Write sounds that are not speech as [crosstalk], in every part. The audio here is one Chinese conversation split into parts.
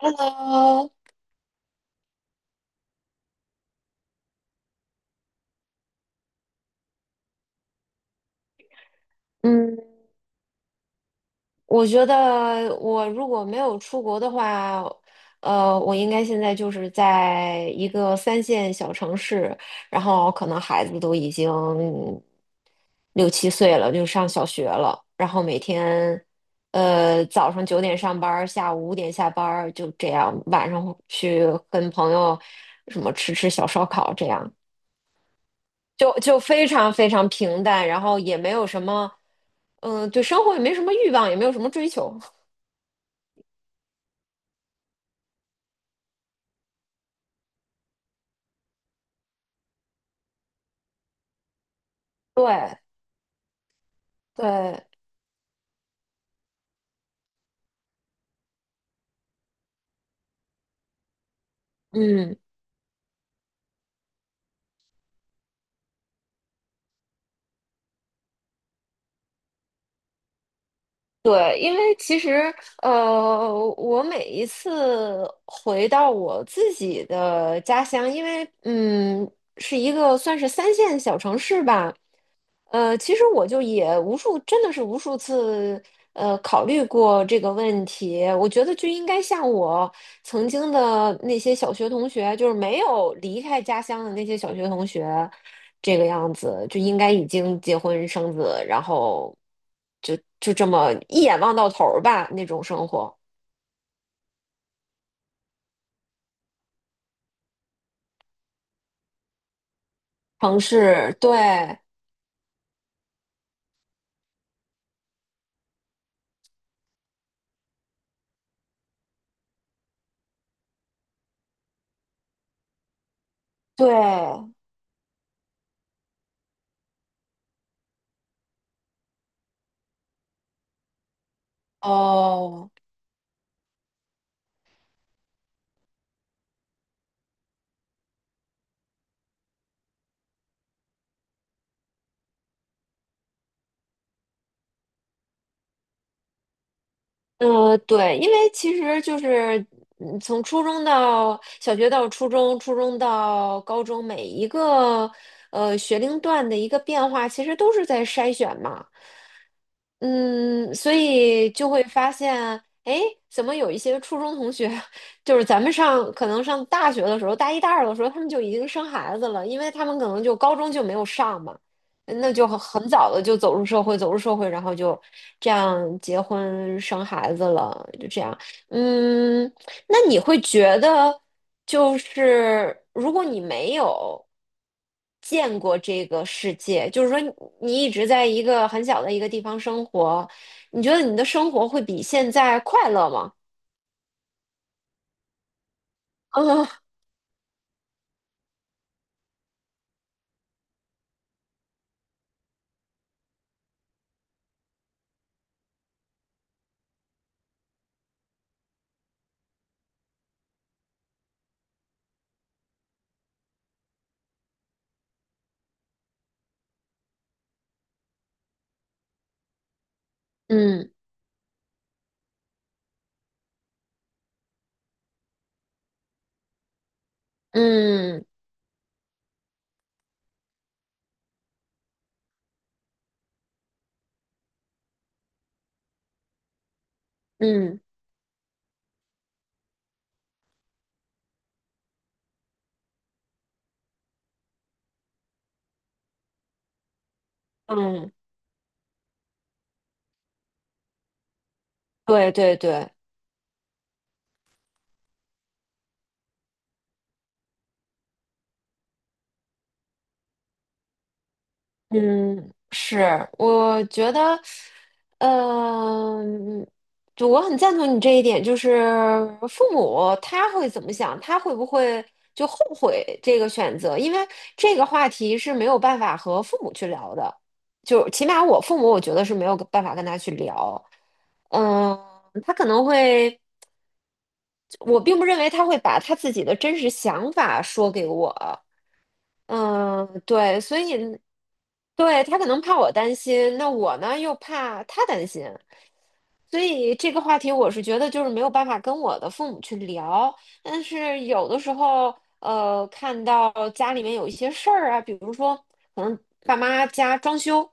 Hello,嗯，我觉得我如果没有出国的话，我应该现在就是在一个三线小城市，然后可能孩子都已经六七岁了，就上小学了，然后每天，早上九点上班儿，下午五点下班儿，就这样，晚上去跟朋友什么吃吃小烧烤这样。就非常非常平淡，然后也没有什么，嗯，对生活也没什么欲望，也没有什么追求。对对，嗯，对，因为其实我每一次回到我自己的家乡，因为是一个算是三线小城市吧，其实我就也无数，真的是无数次，考虑过这个问题。我觉得就应该像我曾经的那些小学同学，就是没有离开家乡的那些小学同学，这个样子就应该已经结婚生子，然后就这么一眼望到头儿吧，那种生活。城市，对对，哦，呃，对，因为其实就是从初中到小学到初中，初中到高中，每一个学龄段的一个变化，其实都是在筛选嘛。嗯，所以就会发现，哎，怎么有一些初中同学，[laughs] 就是咱们上可能上大学的时候，大一大二的时候，他们就已经生孩子了，因为他们可能就高中就没有上嘛。那就很早的就走入社会，走入社会，然后就这样结婚生孩子了，就这样。嗯，那你会觉得，就是如果你没有见过这个世界，就是说你一直在一个很小的一个地方生活，你觉得你的生活会比现在快乐吗？[laughs] 嗯嗯嗯嗯嗯，对对对。嗯，是，我觉得，嗯就我很赞同你这一点，就是父母他会怎么想，他会不会就后悔这个选择？因为这个话题是没有办法和父母去聊的，就起码我父母，我觉得是没有办法跟他去聊。嗯，他可能会，我并不认为他会把他自己的真实想法说给我，嗯，对，所以对他可能怕我担心，那我呢又怕他担心，所以这个话题我是觉得就是没有办法跟我的父母去聊，但是有的时候，看到家里面有一些事儿啊，比如说可能爸妈家装修，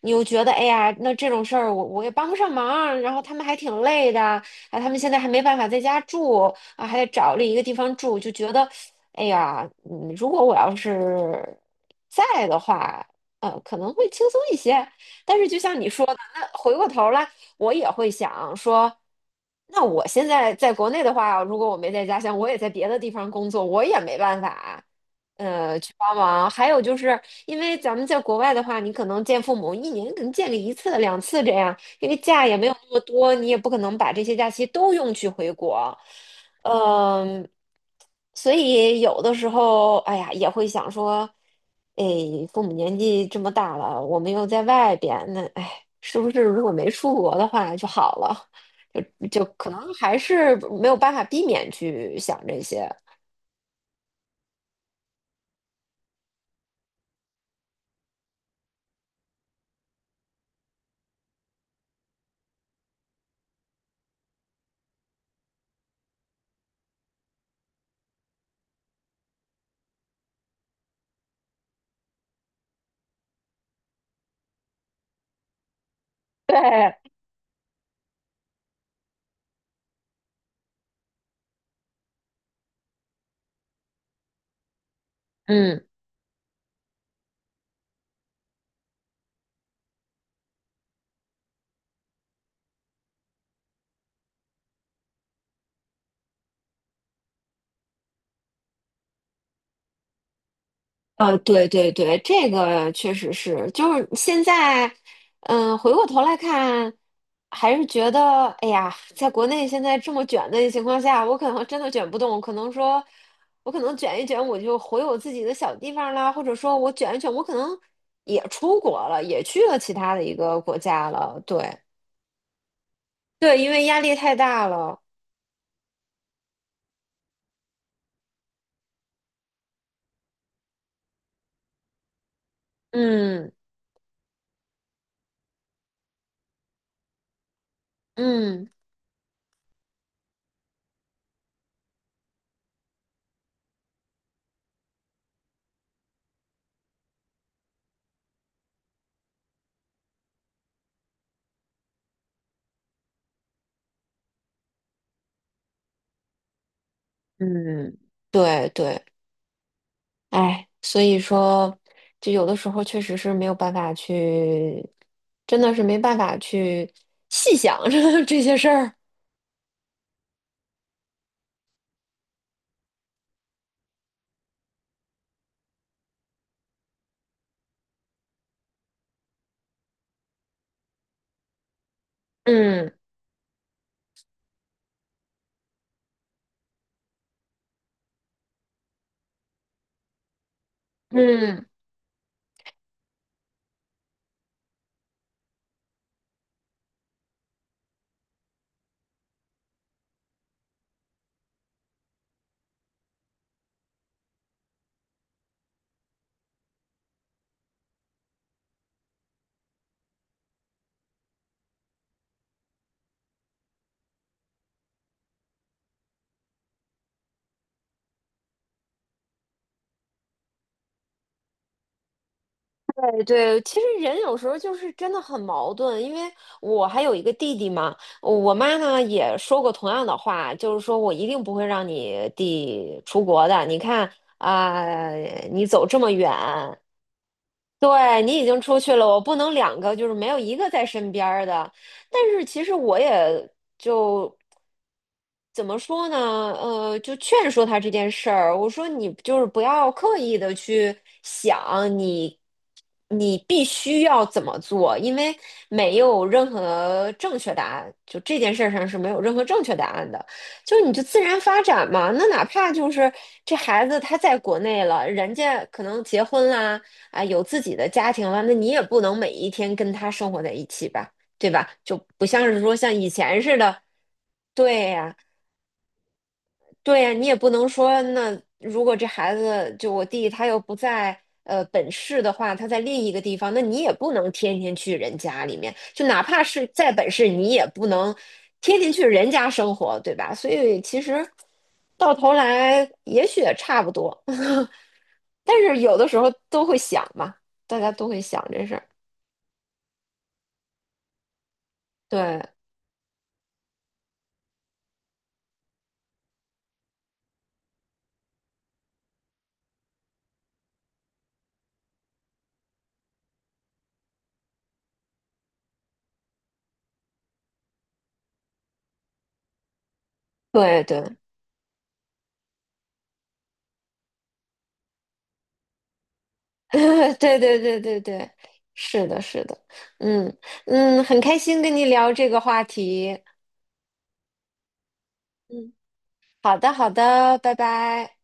你又觉得哎呀，那这种事儿我也帮不上忙，然后他们还挺累的，啊，他们现在还没办法在家住，啊，还得找另一个地方住，就觉得，哎呀，嗯，如果我要是在的话，可能会轻松一些。但是就像你说的，那回过头来，我也会想说，那我现在在国内的话，如果我没在家乡，我也在别的地方工作，我也没办法。去帮忙。还有就是，因为咱们在国外的话，你可能见父母一年可能见个一次、两次这样，因为假也没有那么多，你也不可能把这些假期都用去回国。嗯，所以有的时候，哎呀，也会想说，哎，父母年纪这么大了，我们又在外边，那哎，是不是如果没出国的话就好了？[laughs] 就可能还是没有办法避免去想这些。对，嗯。对对对，这个确实是，就是现在，嗯，回过头来看，还是觉得，哎呀，在国内现在这么卷的情况下，我可能真的卷不动，我可能说，我可能卷一卷，我就回我自己的小地方啦，或者说我卷一卷，我可能也出国了，也去了其他的一个国家了，对对，因为压力太大了，嗯嗯嗯对对。哎，所以说，就有的时候确实是没有办法去，真的是没办法去细想 [laughs] 这这些事儿。嗯嗯，对对，其实人有时候就是真的很矛盾，因为我还有一个弟弟嘛，我妈呢也说过同样的话，就是说我一定不会让你弟出国的，你看啊，你走这么远，对，你已经出去了，我不能两个就是没有一个在身边儿的。但是其实我也就怎么说呢？就劝说他这件事儿，我说你就是不要刻意的去想你，你必须要怎么做，因为没有任何正确答案，就这件事儿上是没有任何正确答案的，就你就自然发展嘛。那哪怕就是这孩子他在国内了，人家可能结婚啦。啊，有自己的家庭了，那你也不能每一天跟他生活在一起吧，对吧？就不像是说像以前似的，对呀、对呀你也不能说，那如果这孩子就我弟他又不在呃本市的话，他在另一个地方，那你也不能天天去人家里面，就哪怕是在本市，你也不能天天去人家生活，对吧？所以其实到头来也许也差不多，[laughs] 但是有的时候都会想嘛，大家都会想这事儿，对对对。[laughs] 对对对对对，是的，是的，嗯嗯，很开心跟你聊这个话题，嗯，好的好的，拜拜。